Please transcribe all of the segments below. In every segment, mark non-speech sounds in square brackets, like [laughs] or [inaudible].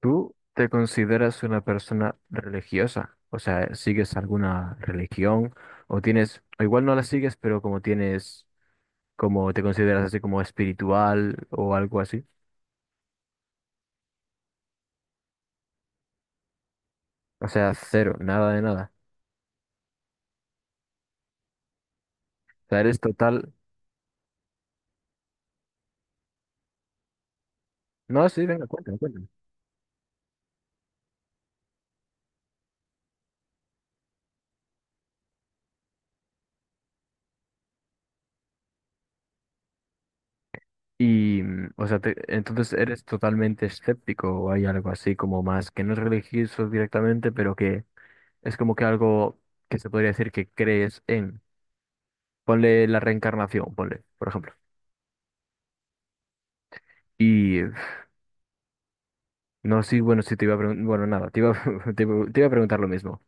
¿Tú te consideras una persona religiosa? O sea, ¿sigues alguna religión? O tienes, o igual no la sigues, pero como tienes, como te consideras así como espiritual o algo así. O sea, cero, nada de nada. O sea, eres total. No, sí, venga, cuéntame, cuéntame. Y, o sea, entonces eres totalmente escéptico o hay algo así como más que no es religioso directamente, pero que es como que algo que se podría decir que crees en. Ponle la reencarnación, ponle, por ejemplo. No, sí, bueno, sí te iba a preguntar, bueno, nada, te iba, [laughs] te iba a preguntar lo mismo.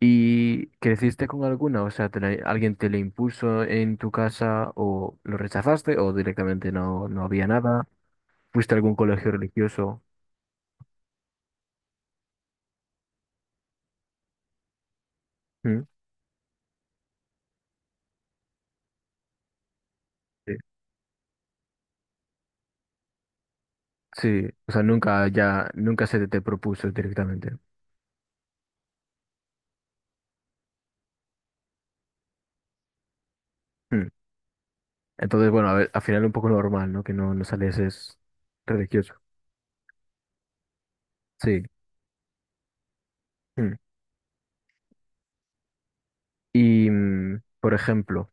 ¿Y creciste con alguna? O sea, ¿alguien te la impuso en tu casa o lo rechazaste o directamente no había nada? ¿Fuiste a algún colegio religioso? ¿Mm? Sí, sí, o sea, nunca ya, nunca se te propuso directamente. ¿Mm? Entonces, bueno, a ver, al final un poco normal, ¿no? Que no salieses religioso. Sí. ¿Mm? Y, por ejemplo,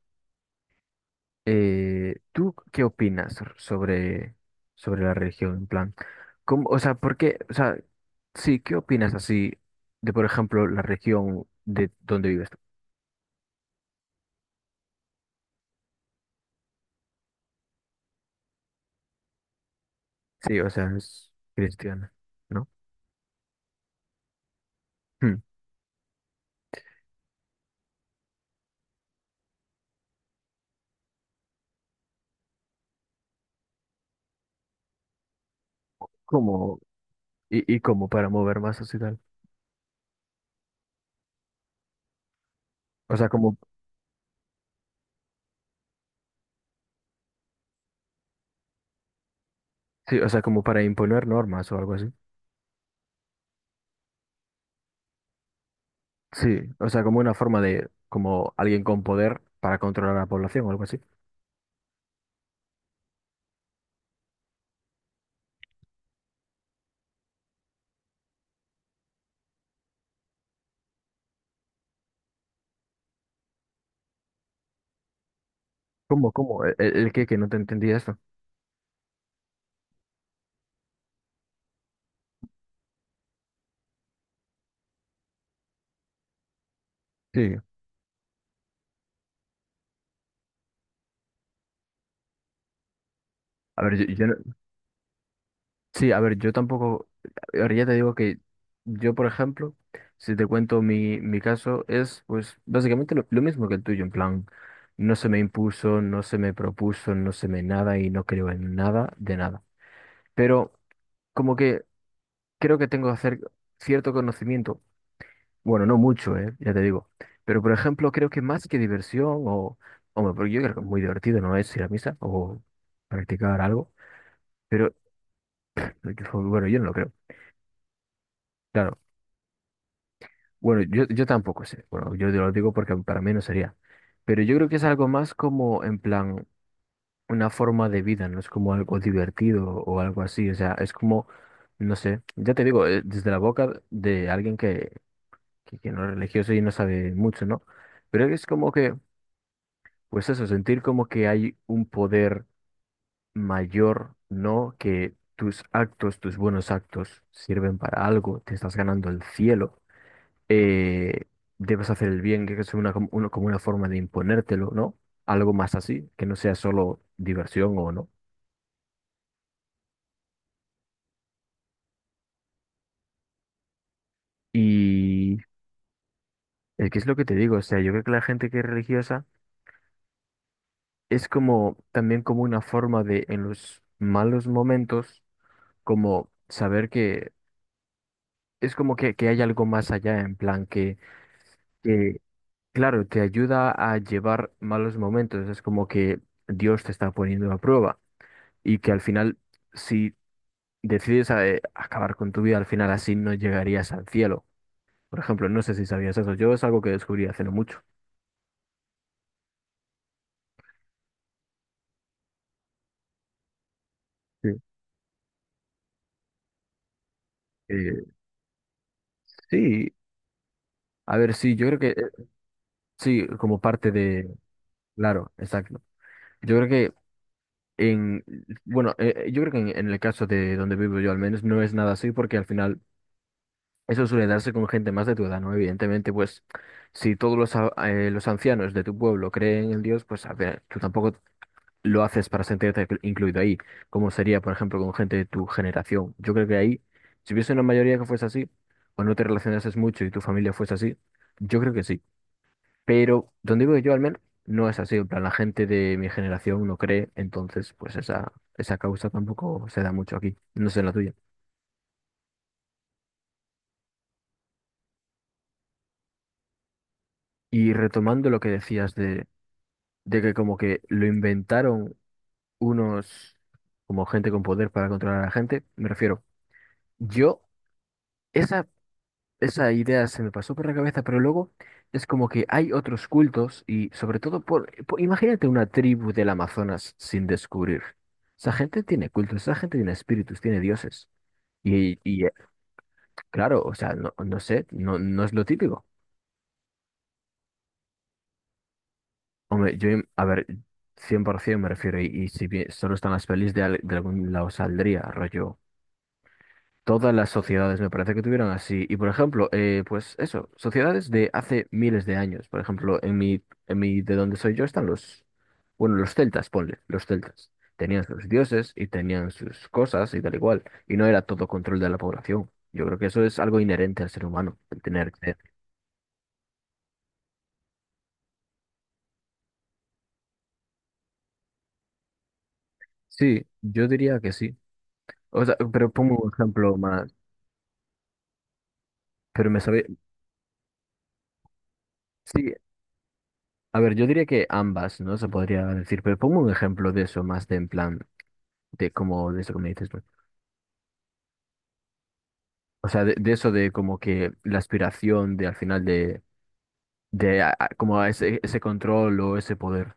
¿Tú qué opinas sobre, sobre la religión? En plan, ¿cómo, o sea, por qué, o sea, sí, ¿qué opinas así de, por ejemplo, la región de donde vives tú? Sí, o sea, es cristiana, ¿no? Hmm. ¿Cómo? Y cómo para mover masas y tal? O sea, como, sí, o sea, como para imponer normas o algo así. Sí, o sea, como una forma de, como alguien con poder para controlar a la población o algo así. ¿Cómo, cómo? ¿El qué? Que no te entendía esto. Sí. A ver, yo no- Sí, a ver, yo tampoco, ahora ya te digo que yo, por ejemplo, si te cuento mi caso, es pues básicamente lo mismo que el tuyo, en plan, no se me impuso, no se me propuso, no se me nada y no creo en nada de nada. Pero como que creo que tengo que hacer cierto conocimiento, bueno, no mucho, ya te digo, pero por ejemplo, creo que más que diversión o, hombre, porque yo creo que muy divertido no es ir a misa o practicar algo, pero bueno, yo no lo creo. Claro. Bueno, yo tampoco sé. Bueno, yo te lo digo porque para mí no sería. Pero yo creo que es algo más como, en plan, una forma de vida, no es como algo divertido o algo así. O sea, es como, no sé, ya te digo, desde la boca de alguien que no es religioso y no sabe mucho, ¿no? Pero es como que, pues eso, sentir como que hay un poder mayor, ¿no? Que tus actos, tus buenos actos sirven para algo, te estás ganando el cielo, eh, debes hacer el bien, que es una, como una forma de imponértelo, ¿no? Algo más así, que no sea solo diversión o no. Y es que es lo que te digo, o sea, yo creo que la gente que es religiosa es como también como una forma de, en los malos momentos, como saber que es como que hay algo más allá, en plan que, claro, te ayuda a llevar malos momentos, es como que Dios te está poniendo a prueba y que al final... Si decides acabar con tu vida, al final así no llegarías al cielo. Por ejemplo, no sé si sabías eso, yo es algo que descubrí hace no mucho. Sí. Eh, sí, a ver, sí, yo creo que sí, como parte de, claro, exacto. Yo creo que en, bueno, yo creo que en el caso de donde vivo yo al menos no es nada así porque al final eso suele darse con gente más de tu edad, ¿no? Evidentemente, pues si todos los, los ancianos de tu pueblo creen en Dios, pues a ver, tú tampoco lo haces para sentirte incluido ahí, como sería, por ejemplo, con gente de tu generación. Yo creo que ahí, si hubiese una mayoría que fuese así, o no te relacionases mucho y tu familia fuese así, yo creo que sí. Pero donde vivo yo al menos, no es así. En plan, la gente de mi generación no cree, entonces, pues esa causa tampoco se da mucho aquí, no sé en la tuya. Y retomando lo que decías de que como que lo inventaron unos, como gente con poder para controlar a la gente, me refiero, yo... Esa esa idea se me pasó por la cabeza, pero luego es como que hay otros cultos y sobre todo por, imagínate una tribu del Amazonas sin descubrir. Esa gente tiene cultos, esa gente tiene espíritus, tiene dioses. Y, claro, o sea, no, no sé, no, no es lo típico. Hombre, yo, a ver, 100% me refiero, y si bien solo están las pelis de, de algún lado saldría, rollo. Todas las sociedades me parece que tuvieron así. Y por ejemplo, pues eso, sociedades de hace miles de años. Por ejemplo, de donde soy yo están los, bueno, los celtas, ponle, los celtas. Tenían sus dioses y tenían sus cosas y tal igual. Y no era todo control de la población. Yo creo que eso es algo inherente al ser humano, el tener que... Sí, yo diría que sí. O sea, pero pongo un ejemplo más. Pero me sabe... Sí, a ver, yo diría que ambas, ¿no? Se podría decir, pero pongo un ejemplo de eso más de en plan, de como de eso que me dices. O sea, de eso de como que la aspiración de al final de como a ese control o ese poder.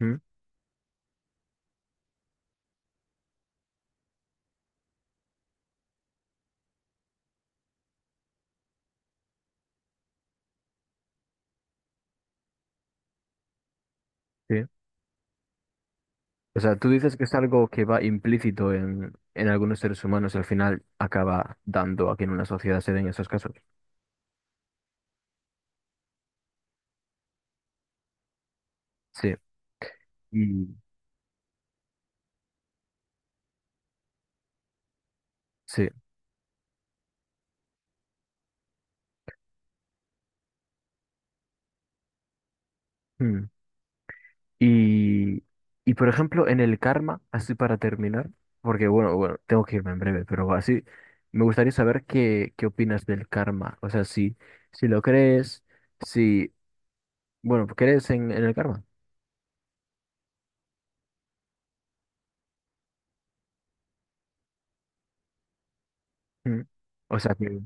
¿Mm? Sí. O sea, tú dices que es algo que va implícito en algunos seres humanos y al final acaba dando a que en una sociedad se den esos casos. Sí. Y- Sí. Mm. Y, y por ejemplo, en el karma, así para terminar, porque bueno, bueno, tengo que irme en breve, pero así me gustaría saber qué, qué opinas del karma. O sea, si, si lo crees. Si, bueno, pues crees en el karma. Mm. O sea,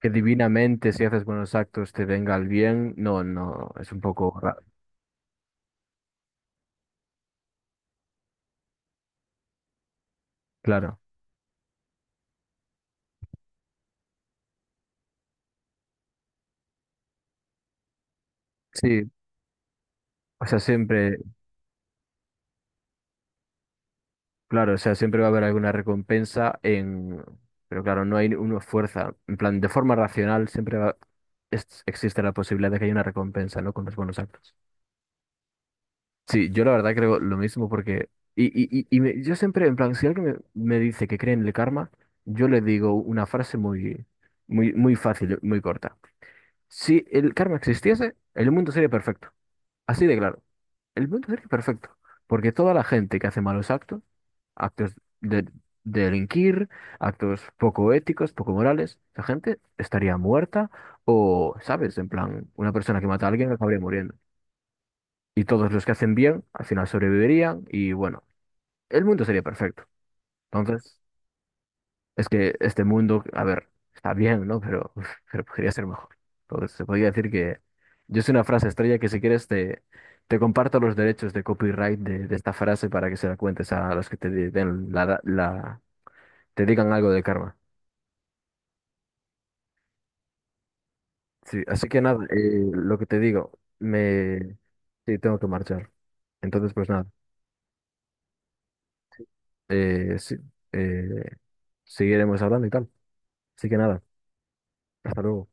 que divinamente si haces buenos actos te venga el bien, no, no, es un poco raro. Claro, sí, o sea, claro, o sea, siempre va a haber alguna recompensa en, pero claro, no hay una fuerza, en plan, de forma racional siempre existe la posibilidad de que haya una recompensa, ¿no? Con los buenos actos. Sí, yo la verdad creo lo mismo porque... Y, y yo siempre, en plan, si alguien me, me dice que cree en el karma, yo le digo una frase muy, muy, muy fácil, muy corta. Si el karma existiese, el mundo sería perfecto. Así de claro. El mundo sería perfecto. Porque toda la gente que hace malos actos, actos de, de delinquir, actos poco éticos, poco morales, la gente estaría muerta o, ¿sabes? En plan, una persona que mata a alguien acabaría muriendo y todos los que hacen bien al final sobrevivirían y bueno, el mundo sería perfecto. Entonces, es que este mundo, a ver, está bien, ¿no? Pero, uf, pero podría ser mejor. Entonces, se podría decir que yo sé una frase estrella que si quieres te, te comparto los derechos de copyright de esta frase para que se la cuentes a los que te di- den la, la- te digan algo de karma. Sí, así que nada, lo que te digo, me... Sí, tengo que marchar. Entonces, pues nada, sí, eh, seguiremos hablando y tal. Así que nada. Hasta luego.